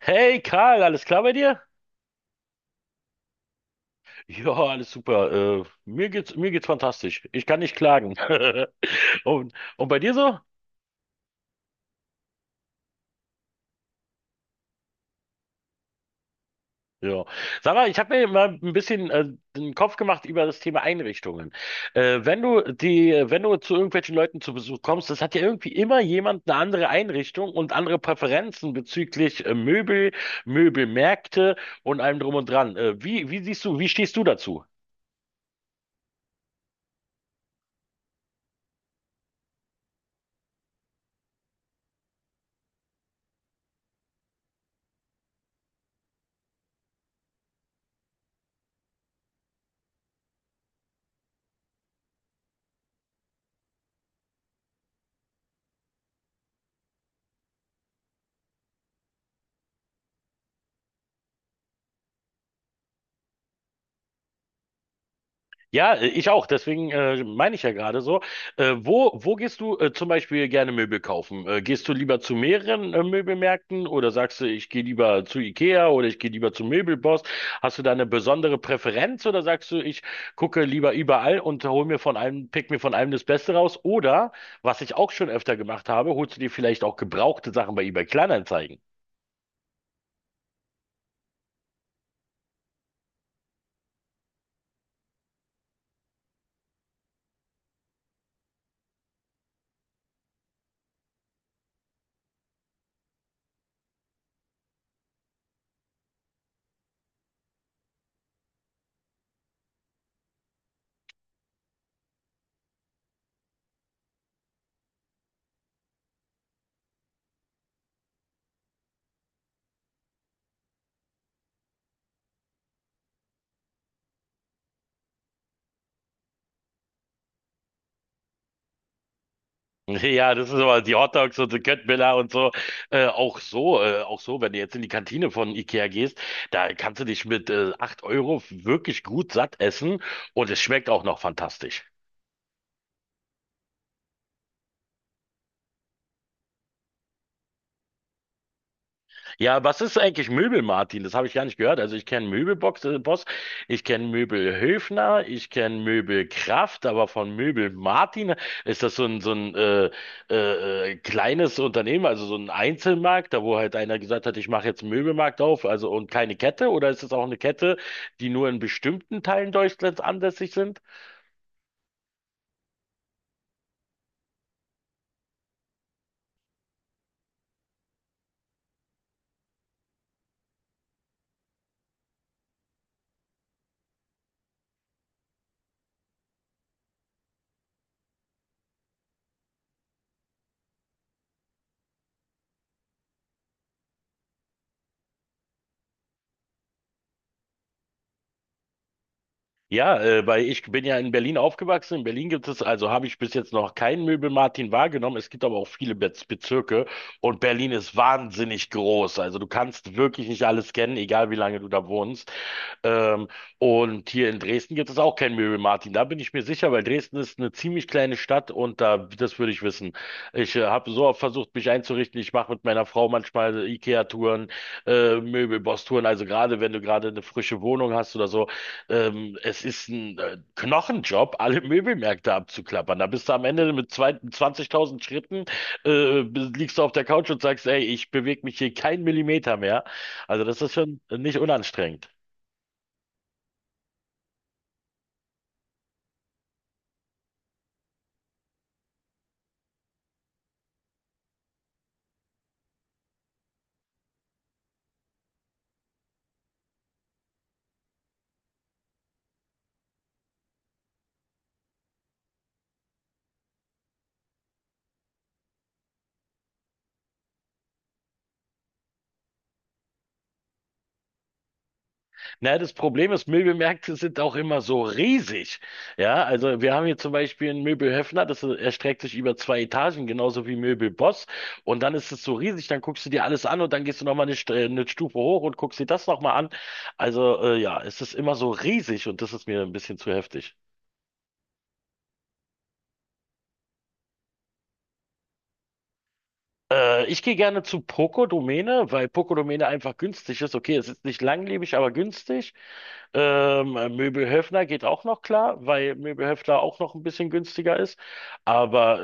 Hey Karl, alles klar bei dir? Ja, alles super. Mir geht's fantastisch. Ich kann nicht klagen. Und bei dir so? Ja. Sag mal, ich habe mir mal ein bisschen den Kopf gemacht über das Thema Einrichtungen. Wenn du zu irgendwelchen Leuten zu Besuch kommst, das hat ja irgendwie immer jemand eine andere Einrichtung und andere Präferenzen bezüglich Möbel, Möbelmärkte und allem drum und dran. Wie siehst du, wie stehst du dazu? Ja, ich auch. Deswegen meine ich ja gerade so. Wo gehst du zum Beispiel gerne Möbel kaufen? Gehst du lieber zu mehreren Möbelmärkten oder sagst du, ich gehe lieber zu Ikea oder ich gehe lieber zu Möbelboss? Hast du da eine besondere Präferenz oder sagst du, ich gucke lieber überall und hol mir von einem, pick mir von einem das Beste raus? Oder, was ich auch schon öfter gemacht habe, holst du dir vielleicht auch gebrauchte Sachen bei eBay Kleinanzeigen? Ja, das ist aber die Hotdogs und die Köttbullar und so. Auch so, wenn du jetzt in die Kantine von Ikea gehst, da kannst du dich mit 8 Euro wirklich gut satt essen und es schmeckt auch noch fantastisch. Ja, was ist eigentlich Möbel, Martin? Das habe ich gar nicht gehört. Also ich kenne Möbelbox, Boss, ich kenne Möbelhöfner, ich kenne Möbelkraft, aber von Möbel Martin ist das so ein kleines Unternehmen, also so ein Einzelmarkt, da wo halt einer gesagt hat, ich mache jetzt einen Möbelmarkt auf, also und keine Kette, oder ist das auch eine Kette, die nur in bestimmten Teilen Deutschlands ansässig sind? Ja, weil ich bin ja in Berlin aufgewachsen. In Berlin gibt es, also habe ich bis jetzt noch keinen Möbel-Martin wahrgenommen. Es gibt aber auch viele Bezirke und Berlin ist wahnsinnig groß. Also du kannst wirklich nicht alles kennen, egal wie lange du da wohnst. Ähm, und hier in Dresden gibt es auch kein Mary Martin. Da bin ich mir sicher, weil Dresden ist eine ziemlich kleine Stadt und da, das würde ich wissen. Ich habe so oft versucht, mich einzurichten. Ich mache mit meiner Frau manchmal IKEA-Touren, Möbelboss-Touren. Also gerade, wenn du gerade eine frische Wohnung hast oder so, es ist ein Knochenjob, alle Möbelmärkte abzuklappern. Da bist du am Ende mit zwei, 20.000 Schritten, liegst du auf der Couch und sagst, ey, ich bewege mich hier keinen Millimeter mehr. Also das ist schon nicht unanstrengend. Na, das Problem ist, Möbelmärkte sind auch immer so riesig. Ja, also wir haben hier zum Beispiel einen Möbel Höffner, das erstreckt sich über zwei Etagen, genauso wie Möbel Boss. Und dann ist es so riesig, dann guckst du dir alles an und dann gehst du nochmal eine Stufe hoch und guckst dir das nochmal an. Also ja, es ist immer so riesig und das ist mir ein bisschen zu heftig. Ich gehe gerne zu Poco Domäne, weil Poco Domäne einfach günstig ist. Okay, es ist nicht langlebig, aber günstig. Möbelhöfner geht auch noch klar, weil Möbelhöfner auch noch ein bisschen günstiger ist. Aber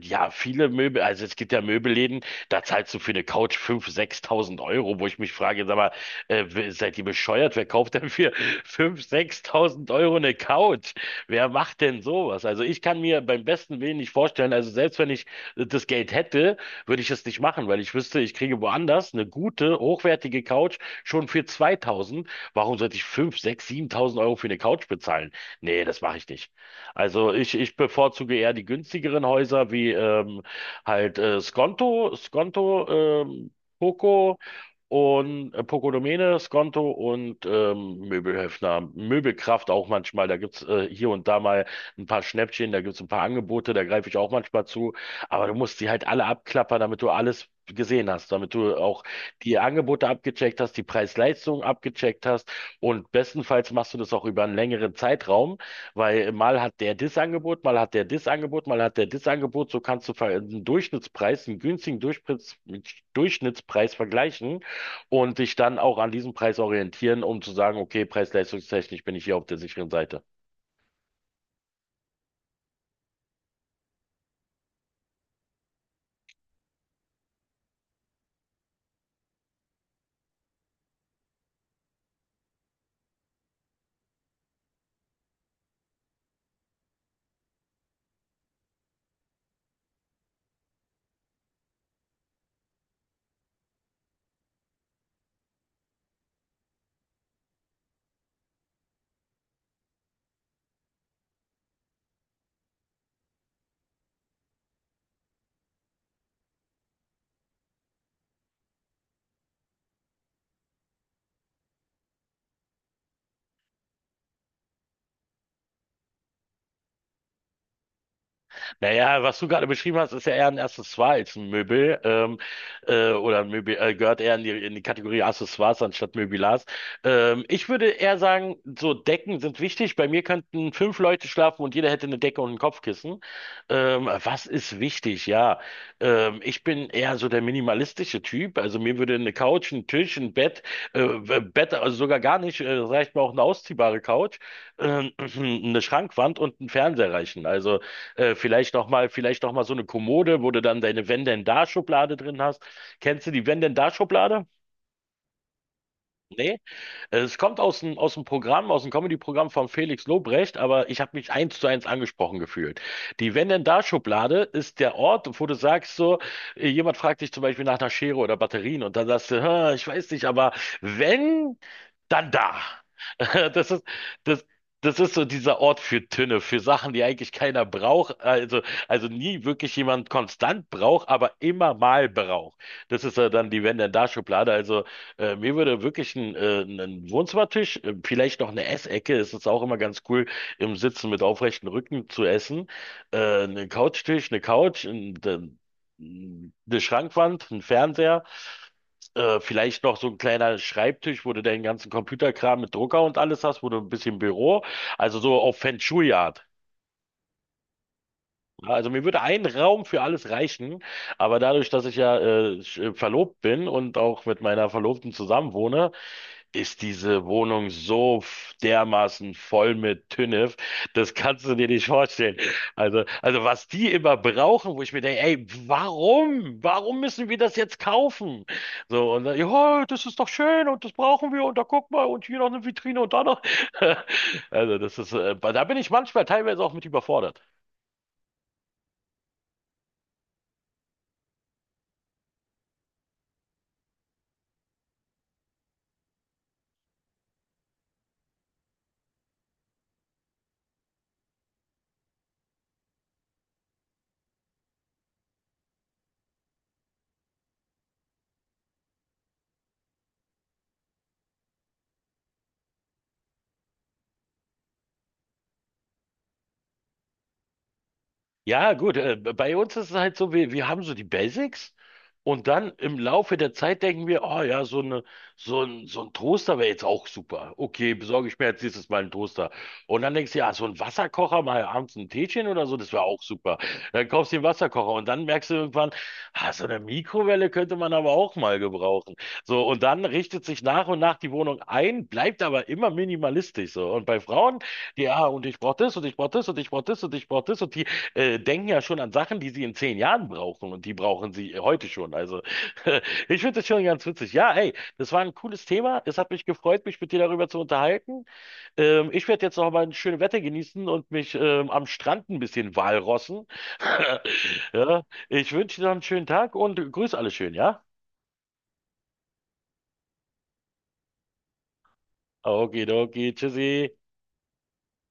ja, viele Möbel, also es gibt ja Möbelläden, da zahlst du für eine Couch 5.000, 6.000 Euro, wo ich mich frage, sag mal, seid ihr bescheuert? Wer kauft denn für 5.000, 6.000 Euro eine Couch? Wer macht denn sowas? Also ich kann mir beim besten Willen nicht vorstellen, also selbst wenn ich das Geld hätte, würde ich es nicht machen, weil ich wüsste, ich kriege woanders eine gute, hochwertige Couch schon für 2.000. Warum sollte ich 5, 6, 7.000 Euro für eine Couch bezahlen? Nee, das mache ich nicht. Also ich bevorzuge eher die günstigeren Häuser wie halt Skonto, Poco und Poco Domene, Skonto und Möbelhöfner, Möbelkraft auch manchmal. Da gibt's hier und da mal ein paar Schnäppchen, da gibt's ein paar Angebote, da greife ich auch manchmal zu. Aber du musst die halt alle abklappern, damit du alles gesehen hast, damit du auch die Angebote abgecheckt hast, die Preis-Leistung abgecheckt hast und bestenfalls machst du das auch über einen längeren Zeitraum, weil mal hat der das Angebot, mal hat der das Angebot, mal hat der das Angebot, so kannst du einen Durchschnittspreis, einen günstigen Durchschnittspreis vergleichen und dich dann auch an diesem Preis orientieren, um zu sagen, okay, preis-leistungstechnisch bin ich hier auf der sicheren Seite. Naja, was du gerade beschrieben hast, ist ja eher ein Accessoire als ein Möbel. Oder ein Möbel gehört eher in die Kategorie Accessoires anstatt Möbilars. Ich würde eher sagen, so Decken sind wichtig. Bei mir könnten fünf Leute schlafen und jeder hätte eine Decke und ein Kopfkissen. Was ist wichtig? Ja, ich bin eher so der minimalistische Typ. Also mir würde eine Couch, ein Tisch, ein Bett, also sogar gar nicht, reicht mir auch eine ausziehbare Couch, äh, eine Schrankwand und ein Fernseher reichen. Also vielleicht noch mal so eine Kommode, wo du dann deine Wenn-denn-da-Schublade drin hast. Kennst du die Wenn-denn-da-Schublade? Nee? Es kommt aus dem Programm, aus dem Comedy-Programm von Felix Lobrecht, aber ich habe mich eins zu eins angesprochen gefühlt. Die Wenn denn da Schublade ist der Ort, wo du sagst so, jemand fragt dich zum Beispiel nach einer Schere oder Batterien und dann sagst du, "Hm, ich weiß nicht, aber wenn, dann da." Das ist, das, das ist so dieser Ort für Tünne, für Sachen, die eigentlich keiner braucht, also nie wirklich jemand konstant braucht, aber immer mal braucht. Das ist ja dann die Wenn denn da Schublade. Also mir würde wirklich ein Wohnzimmertisch, vielleicht noch eine Essecke, es ist auch immer ganz cool, im Sitzen mit aufrechtem Rücken zu essen. Einen Couchtisch, eine Couch, eine Schrankwand, ein Fernseher, vielleicht noch so ein kleiner Schreibtisch, wo du deinen ganzen Computerkram mit Drucker und alles hast, wo du ein bisschen Büro, also so auf Feng Shui-Art. Ja, also mir würde ein Raum für alles reichen, aber dadurch, dass ich ja verlobt bin und auch mit meiner Verlobten zusammenwohne, ist diese Wohnung so dermaßen voll mit Tünnef, das kannst du dir nicht vorstellen. Also was die immer brauchen, wo ich mir denke, ey, warum? Warum müssen wir das jetzt kaufen? So, und dann, ja, das ist doch schön und das brauchen wir und da guck mal und hier noch eine Vitrine und da noch. Also das ist, da bin ich manchmal teilweise auch mit überfordert. Ja, gut, bei uns ist es halt so, wir haben so die Basics und dann im Laufe der Zeit denken wir, oh ja, so ein Toaster wäre jetzt auch super. Okay, besorge ich mir jetzt nächstes Mal einen Toaster. Und dann denkst du, ja, so ein Wasserkocher, mal abends ein Teechen oder so, das wäre auch super. Dann kaufst du den Wasserkocher und dann merkst du irgendwann, ah, so eine Mikrowelle könnte man aber auch mal gebrauchen. So, und dann richtet sich nach und nach die Wohnung ein, bleibt aber immer minimalistisch so. Und bei Frauen, ja, und ich brauche das und ich brauche das und ich brauche das und ich brauche das und die denken ja schon an Sachen, die sie in 10 Jahren brauchen und die brauchen sie heute schon. Also ich finde das schon ganz witzig. Ja, hey, das war ein cooles Thema. Es hat mich gefreut, mich mit dir darüber zu unterhalten. Ich werde jetzt noch mal ein schönes Wetter genießen und mich am Strand ein bisschen walrossen. Ja, ich wünsche dir noch einen schönen Tag und grüß alle schön, ja? Okay, okay, tschüssi.